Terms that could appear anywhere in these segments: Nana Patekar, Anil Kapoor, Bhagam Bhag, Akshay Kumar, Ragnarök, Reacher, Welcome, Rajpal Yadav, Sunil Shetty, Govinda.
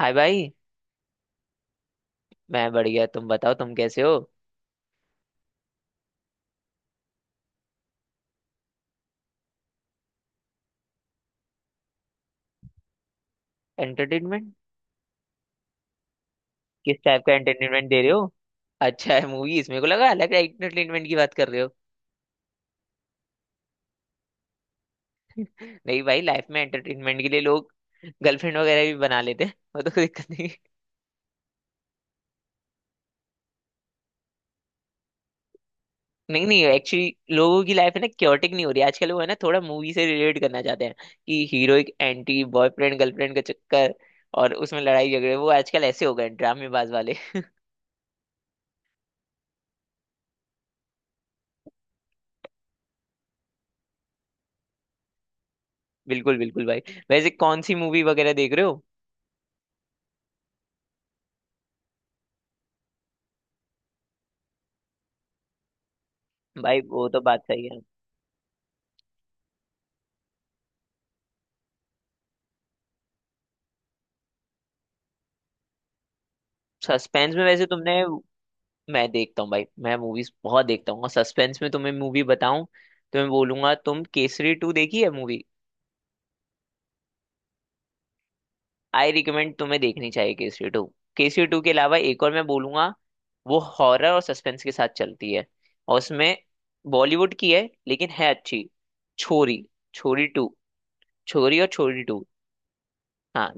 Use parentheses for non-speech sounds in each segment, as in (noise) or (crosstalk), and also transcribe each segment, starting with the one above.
हाय भाई। मैं बढ़िया, तुम बताओ, तुम कैसे हो? एंटरटेनमेंट? किस टाइप का एंटरटेनमेंट दे रहे हो? अच्छा है, मूवीज। मेरे को लगा अलग एंटरटेनमेंट की बात कर रहे हो। (laughs) नहीं भाई, लाइफ में एंटरटेनमेंट के लिए लोग गर्लफ्रेंड वगैरह भी बना लेते हैं, वो तो कोई दिक्कत नहीं है। नहीं नहीं, एक्चुअली लोगों की लाइफ है ना, क्योटिक नहीं हो रही आजकल, वो है ना थोड़ा मूवी से रिलेट करना चाहते हैं कि हीरो एक एंटी, बॉयफ्रेंड गर्लफ्रेंड का चक्कर, और उसमें लड़ाई झगड़े वो आजकल ऐसे हो गए हैं, ड्रामेबाज वाले। (laughs) बिल्कुल बिल्कुल भाई। वैसे कौन सी मूवी वगैरह देख रहे हो? भाई वो तो बात सही है। सस्पेंस में वैसे तुमने... मैं देखता हूँ भाई, मैं मूवीज बहुत देखता हूँ, और सस्पेंस में तुम्हें मूवी बताऊं तो मैं बोलूंगा, तुम केसरी टू देखी है मूवी? आई रिकमेंड, तुम्हें देखनी चाहिए केसरी टू। केसरी टू के अलावा एक और मैं बोलूंगा। वो हॉरर और सस्पेंस के साथ चलती है, और उसमें बॉलीवुड की है लेकिन है अच्छी। छोरी। छोरी टू। छोरी और छोरी टू। हाँ,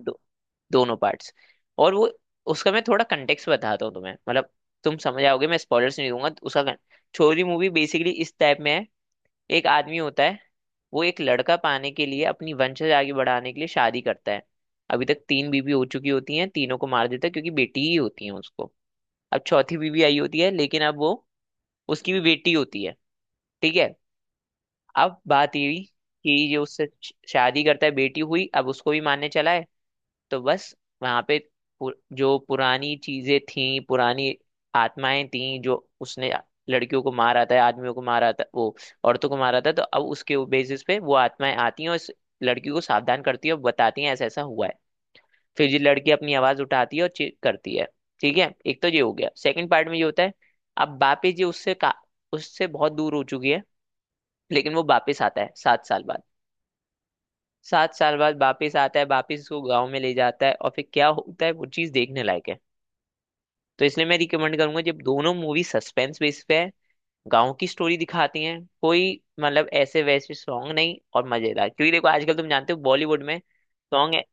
दोनों पार्ट्स। और वो, उसका मैं थोड़ा कंटेक्स्ट बताता हूँ तुम्हें, मतलब तुम समझ आओगे, मैं स्पॉयलर्स नहीं दूंगा उसका छोरी मूवी बेसिकली इस टाइप में है। एक आदमी होता है, वो एक लड़का पाने के लिए अपनी वंशज आगे बढ़ाने के लिए शादी करता है। अभी तक तीन बीवी हो चुकी होती हैं, तीनों को मार देता है क्योंकि बेटी ही होती है उसको। अब चौथी बीवी आई होती है लेकिन अब वो, उसकी भी बेटी होती है। ठीक है। अब बात ये हुई कि जो उससे शादी करता है, बेटी हुई, अब उसको भी मारने चला है। तो बस वहां पे जो पुरानी चीजें थी, पुरानी आत्माएं थी जो उसने लड़कियों को मारा था, आदमियों को मारा था, वो औरतों को मारा था, तो अब उसके बेसिस पे वो आत्माएं आती हैं और इस लड़की को सावधान करती है और बताती हैं ऐसा ऐसा हुआ है। फिर ये लड़की अपनी आवाज उठाती है और चीख करती है। ठीक है, एक तो ये हो गया। सेकंड पार्ट में ये होता है, अब बापी जी उससे का, उससे बहुत दूर हो चुकी है, लेकिन वो वापिस आता है 7 साल बाद। 7 साल बाद वापिस आता है, वापिस उसको गाँव में ले जाता है, और फिर क्या होता है वो चीज देखने लायक है। तो इसलिए मैं रिकमेंड करूंगा, जब दोनों मूवी सस्पेंस बेस पे है, गाँव की स्टोरी दिखाती हैं, कोई मतलब ऐसे वैसे सॉन्ग नहीं, और मजेदार, क्योंकि देखो आजकल तुम जानते हो बॉलीवुड में सॉन्ग है।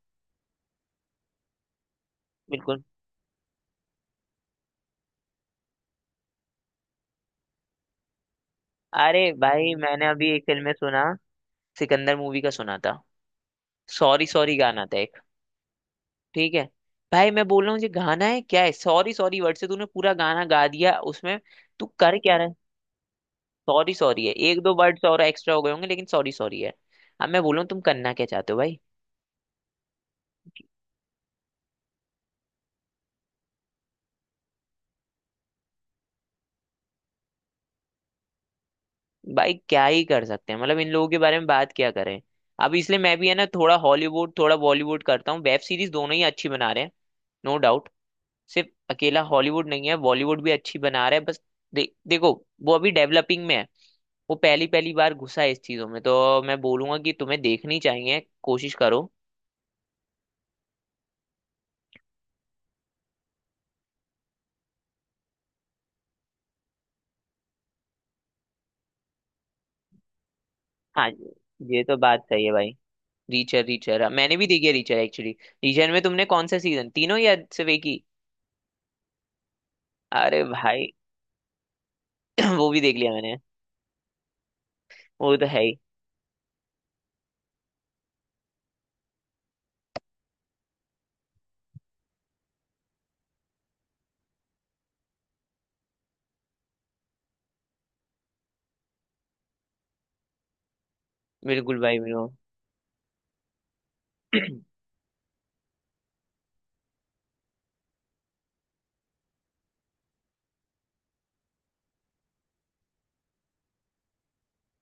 बिल्कुल। अरे भाई मैंने अभी एक फिल्म में सुना, सिकंदर मूवी का सुना था, सॉरी सॉरी गाना था एक। ठीक है भाई, मैं बोल रहा हूँ ये गाना है क्या है, सॉरी सॉरी वर्ड से तूने पूरा गाना गा दिया उसमें। तू कर क्या रहा है? सॉरी सॉरी है, एक दो वर्ड्स और एक्स्ट्रा हो गए होंगे लेकिन सॉरी सॉरी है। अब मैं बोलूँ तुम करना क्या चाहते हो भाई? भाई क्या ही कर सकते हैं, मतलब इन लोगों के बारे में बात क्या करें। अब इसलिए मैं भी है ना थोड़ा हॉलीवुड थोड़ा बॉलीवुड करता हूँ, वेब सीरीज दोनों ही अच्छी बना रहे हैं। No doubt. सिर्फ अकेला हॉलीवुड नहीं है, बॉलीवुड भी अच्छी बना रहा है। बस देखो, वो अभी डेवलपिंग में है। वो पहली पहली बार घुसा है इस चीजों में, तो मैं बोलूंगा कि तुम्हें देखनी चाहिए, कोशिश करो। हाँ, ये तो बात सही है भाई। रीचर रीचर मैंने भी देखी है, रीचर एक्चुअली। रीचर में तुमने कौन सा सीजन, तीनों या सिर्फ एक ही? अरे भाई। (clears throat) वो भी देख लिया मैंने। वो तो है ही। बिल्कुल भाई बिल्कुल।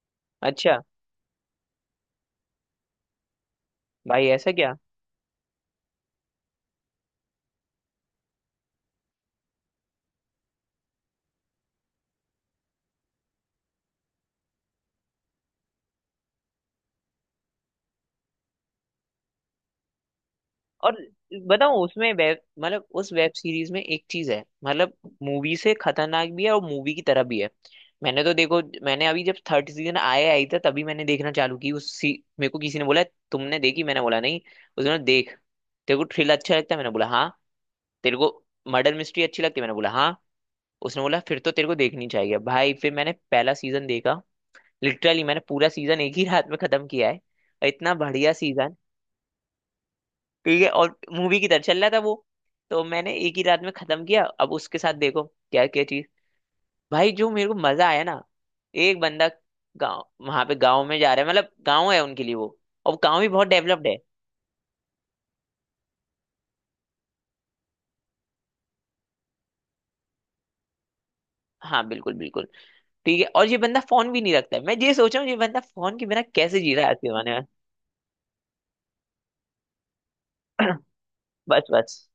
(clears throat) अच्छा। भाई ऐसा क्या? और बताऊं उसमें, वेब मतलब उस वेब सीरीज में एक चीज है, मतलब मूवी से खतरनाक भी है और मूवी की तरह भी है। मैंने तो देखो मैंने अभी जब थर्ड सीजन आया आई था तभी मैंने देखना चालू की उस सी मेरे को किसी ने बोला तुमने देखी, मैंने बोला नहीं। उसने बोला, देख, तेरे को थ्रिलर अच्छा लगता है, मैंने बोला हाँ। तेरे को मर्डर मिस्ट्री अच्छी लगती है, मैंने बोला हाँ। उसने बोला, फिर तो तेरे को देखनी चाहिए भाई। फिर मैंने पहला सीजन देखा। लिटरली मैंने पूरा सीजन एक ही रात में खत्म किया है, और इतना बढ़िया सीजन। ठीक है, और मूवी की तरह चल रहा था वो, तो मैंने एक ही रात में खत्म किया। अब उसके साथ देखो क्या क्या चीज। भाई जो मेरे को मजा आया ना, एक बंदा गाँव, वहां पे गाँव में जा रहा है, मतलब गाँव है उनके लिए वो, और गाँव भी बहुत डेवलप्ड है। हाँ बिल्कुल बिल्कुल। ठीक है, और ये बंदा फोन भी नहीं रखता है, मैं ये सोच रहा हूँ ये बंदा फोन के बिना कैसे जी रहा है आज के जमाने में। बस बस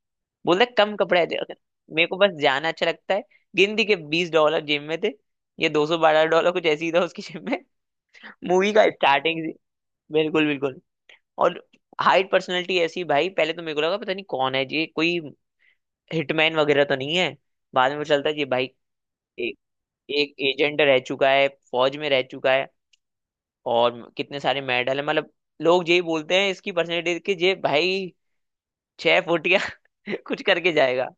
बोल रहा है, कम कपड़े हैं तेरे- पास। मेरे को बस जाना अच्छा लगता है, गिनती के $20 जेब में थे। ये $212 कुछ ऐसे ही था उसकी जेब में। (laughs) मूवी का स्टार्टिंग। बिल्कुल बिल्कुल। और हाइट पर्सनैलिटी ऐसी भाई, पहले तो मेरे को लगा पता नहीं कौन है ये, कोई हिटमैन वगैरह तो नहीं है। बाद में पता चलता है ये भाई एक एक एजेंट रह चुका है, फौज में रह चुका है, और कितने सारे मेडल है, मतलब लोग यही बोलते हैं इसकी पर्सनैलिटी, कि ये भाई छह फुटिया (laughs) कुछ करके जाएगा।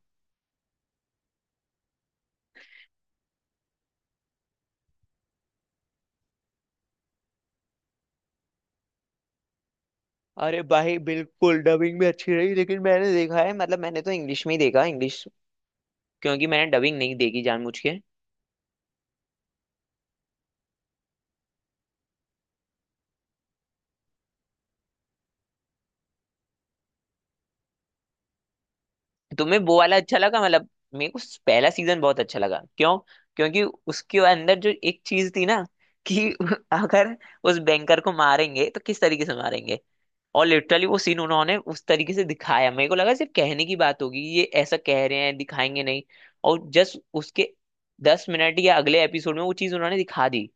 अरे भाई बिल्कुल, डबिंग भी अच्छी रही, लेकिन मैंने देखा है मतलब मैंने तो इंग्लिश में ही देखा इंग्लिश, क्योंकि मैंने डबिंग नहीं देखी जानबूझ के। तुम्हें वो वाला अच्छा लगा, मतलब मेरे को पहला सीजन बहुत अच्छा लगा क्यों? क्योंकि उसके अंदर जो एक चीज थी ना, कि (laughs) अगर उस बैंकर को मारेंगे तो किस तरीके से मारेंगे, और लिटरली वो सीन उन्होंने उस तरीके से दिखाया। मेरे को लगा सिर्फ कहने की बात होगी, ये ऐसा कह रहे हैं दिखाएंगे नहीं, और जस्ट उसके 10 मिनट या अगले एपिसोड में वो चीज उन्होंने दिखा दी।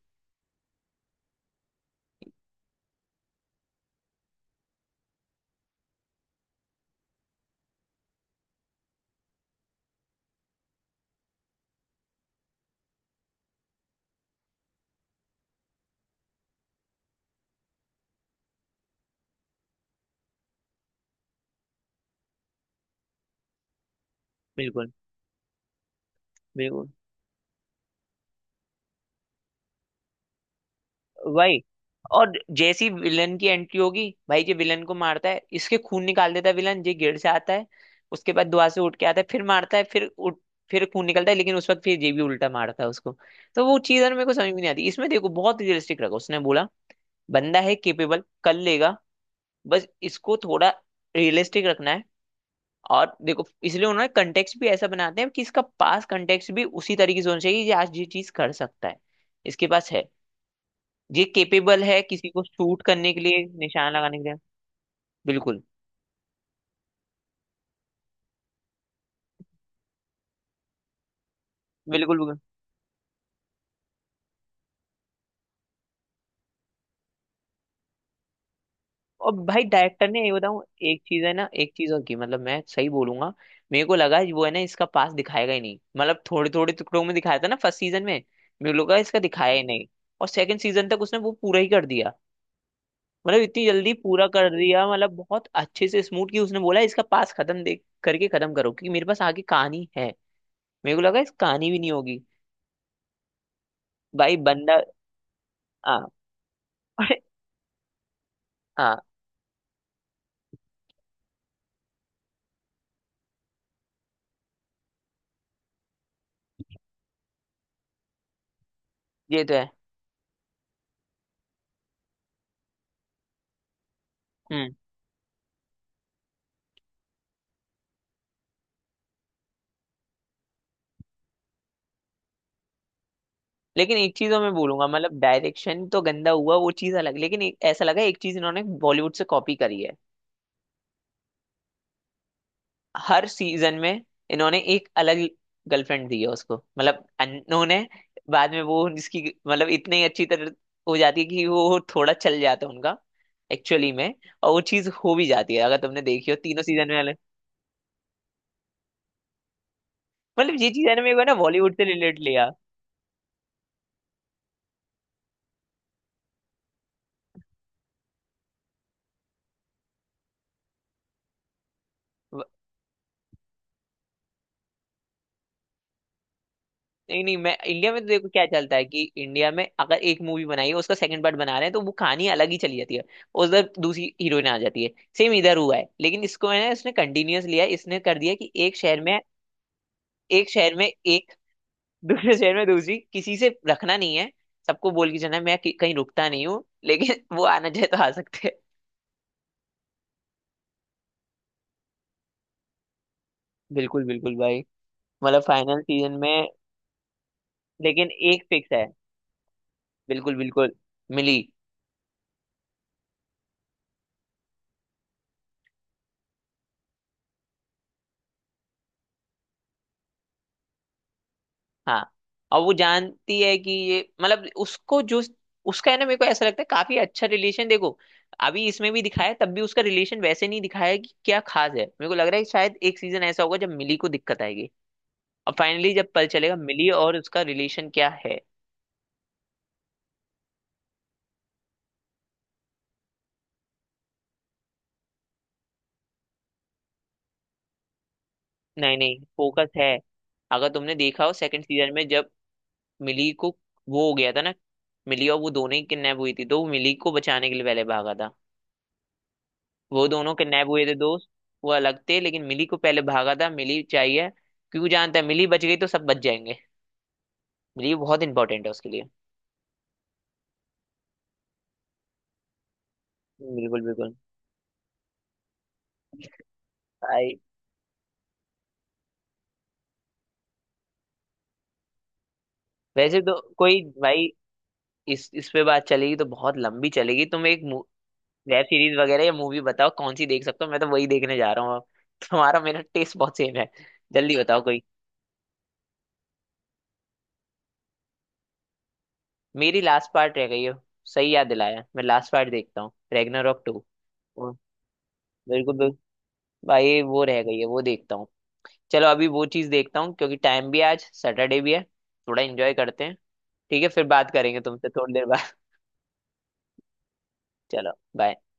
बिल्कुल बिल्कुल। वही, और जैसी विलन की एंट्री होगी भाई, ये विलन को मारता है, इसके खून निकाल देता है, विलन ये गिर जाता है, उसके बाद दुआ से उठ के आता है, फिर मारता है, फिर उठ, फिर खून निकलता है, लेकिन उस वक्त फिर ये भी उल्टा मारता है उसको। तो वो चीज मेरे को समझ में नहीं आती। इसमें देखो बहुत रियलिस्टिक रखा उसने, बोला बंदा है केपेबल, कर लेगा, बस इसको थोड़ा रियलिस्टिक रखना है। और देखो, इसलिए उन्होंने कंटेक्स्ट भी ऐसा बनाते हैं कि इसका पास कंटेक्स्ट भी उसी तरीके से होना चाहिए, ये आज ये चीज कर सकता है, इसके पास है, ये केपेबल है किसी को शूट करने के लिए, निशान लगाने के लिए। बिल्कुल बिल्कुल बिल्कुल। और भाई डायरेक्टर ने ये बताऊं, एक चीज है ना, एक चीज और की, मतलब मैं सही बोलूंगा, मेरे को लगा वो है ना इसका पास दिखाएगा ही नहीं, मतलब थोड़े थोड़े टुकड़ों में दिखाया था ना फर्स्ट सीजन में। मेरे को लगा इसका दिखाया ही नहीं, और सेकंड सीजन तक उसने वो पूरा ही कर दिया, मतलब इतनी जल्दी पूरा कर दिया, मतलब बहुत अच्छे से स्मूथ की, उसने बोला इसका पास खत्म देख करके खत्म करो क्योंकि मेरे पास आगे कहानी है। मेरे को लगा इस कहानी भी नहीं होगी। भाई बंदा। हाँ। (laughs) हाँ। ये तो है। हम्म। लेकिन एक चीज और मैं बोलूंगा, मतलब डायरेक्शन तो गंदा हुआ वो चीज अलग, लेकिन एक, ऐसा लगा एक चीज इन्होंने बॉलीवुड से कॉपी करी है, हर सीजन में इन्होंने एक अलग गर्लफ्रेंड दी है उसको, मतलब इन्होंने बाद में वो इसकी मतलब इतनी अच्छी तरह हो जाती है कि वो थोड़ा चल जाता है उनका एक्चुअली में। और वो चीज हो भी जाती है, अगर तुमने देखी हो तीनों सीजन में अलग, मतलब ये चीज है ना, मेरे को ना बॉलीवुड से रिलेट लिया। नहीं नहीं, मैं इंडिया में तो देखो क्या चलता है कि इंडिया में अगर एक मूवी बनाई है उसका सेकंड पार्ट बना रहे हैं तो वो कहानी अलग ही चली जाती है, उधर दूसरी हीरोइन आ जाती है। सेम इधर हुआ है, लेकिन इसको है ना इसने कंटिन्यूअस लिया है, इसने कर दिया कि एक शहर में एक दूसरे शहर में दूसरी किसी से रखना नहीं है, सबको बोल के जाना है, मैं कहीं रुकता नहीं हूँ लेकिन (laughs) वो आना चाहे तो आ सकते हैं। बिल्कुल बिल्कुल भाई, मतलब फाइनल सीजन में लेकिन एक फिक्स है। बिल्कुल बिल्कुल। मिली। हाँ। और वो जानती है कि ये मतलब उसको जो, उसका है ना, मेरे को ऐसा लगता है काफी अच्छा रिलेशन देखो, अभी इसमें भी दिखाया है, तब भी उसका रिलेशन वैसे नहीं दिखाया है कि क्या खास है, मेरे को लग रहा है कि शायद एक सीजन ऐसा होगा जब मिली को दिक्कत आएगी, और फाइनली जब पता चलेगा मिली और उसका रिलेशन क्या है। नहीं नहीं फोकस है, अगर तुमने देखा हो सेकंड सीजन में जब मिली को वो हो गया था ना, मिली और वो दोनों ही किडनैप हुई थी, तो वो मिली को बचाने के लिए पहले भागा था। वो दोनों किडनैप हुए थे दोस्त, वो अलग थे, लेकिन मिली को पहले भागा था, मिली चाहिए क्यों, जानता है मिली बच गई तो सब बच जाएंगे, मिली बहुत इंपॉर्टेंट है उसके लिए। बिल्कुल बिल्कुल भाई। वैसे तो कोई भाई, इस पे बात चलेगी तो बहुत लंबी चलेगी। तुम एक वेब सीरीज वगैरह या मूवी बताओ कौन सी देख सकते हो, मैं तो वही देखने जा रहा हूँ अब। तुम्हारा मेरा टेस्ट बहुत सेम है, जल्दी बताओ कोई। मेरी लास्ट पार्ट रह गई है, सही याद दिलाया, मैं लास्ट पार्ट देखता हूँ, रैग्नारॉक टू। बिल्कुल बिल्कुल भाई, वो रह गई है वो देखता हूँ। चलो अभी वो चीज देखता हूँ क्योंकि टाइम भी है, आज सैटरडे भी है, थोड़ा एंजॉय करते हैं। ठीक है, फिर बात करेंगे तुमसे थोड़ी देर बाद। (laughs) चलो बाय।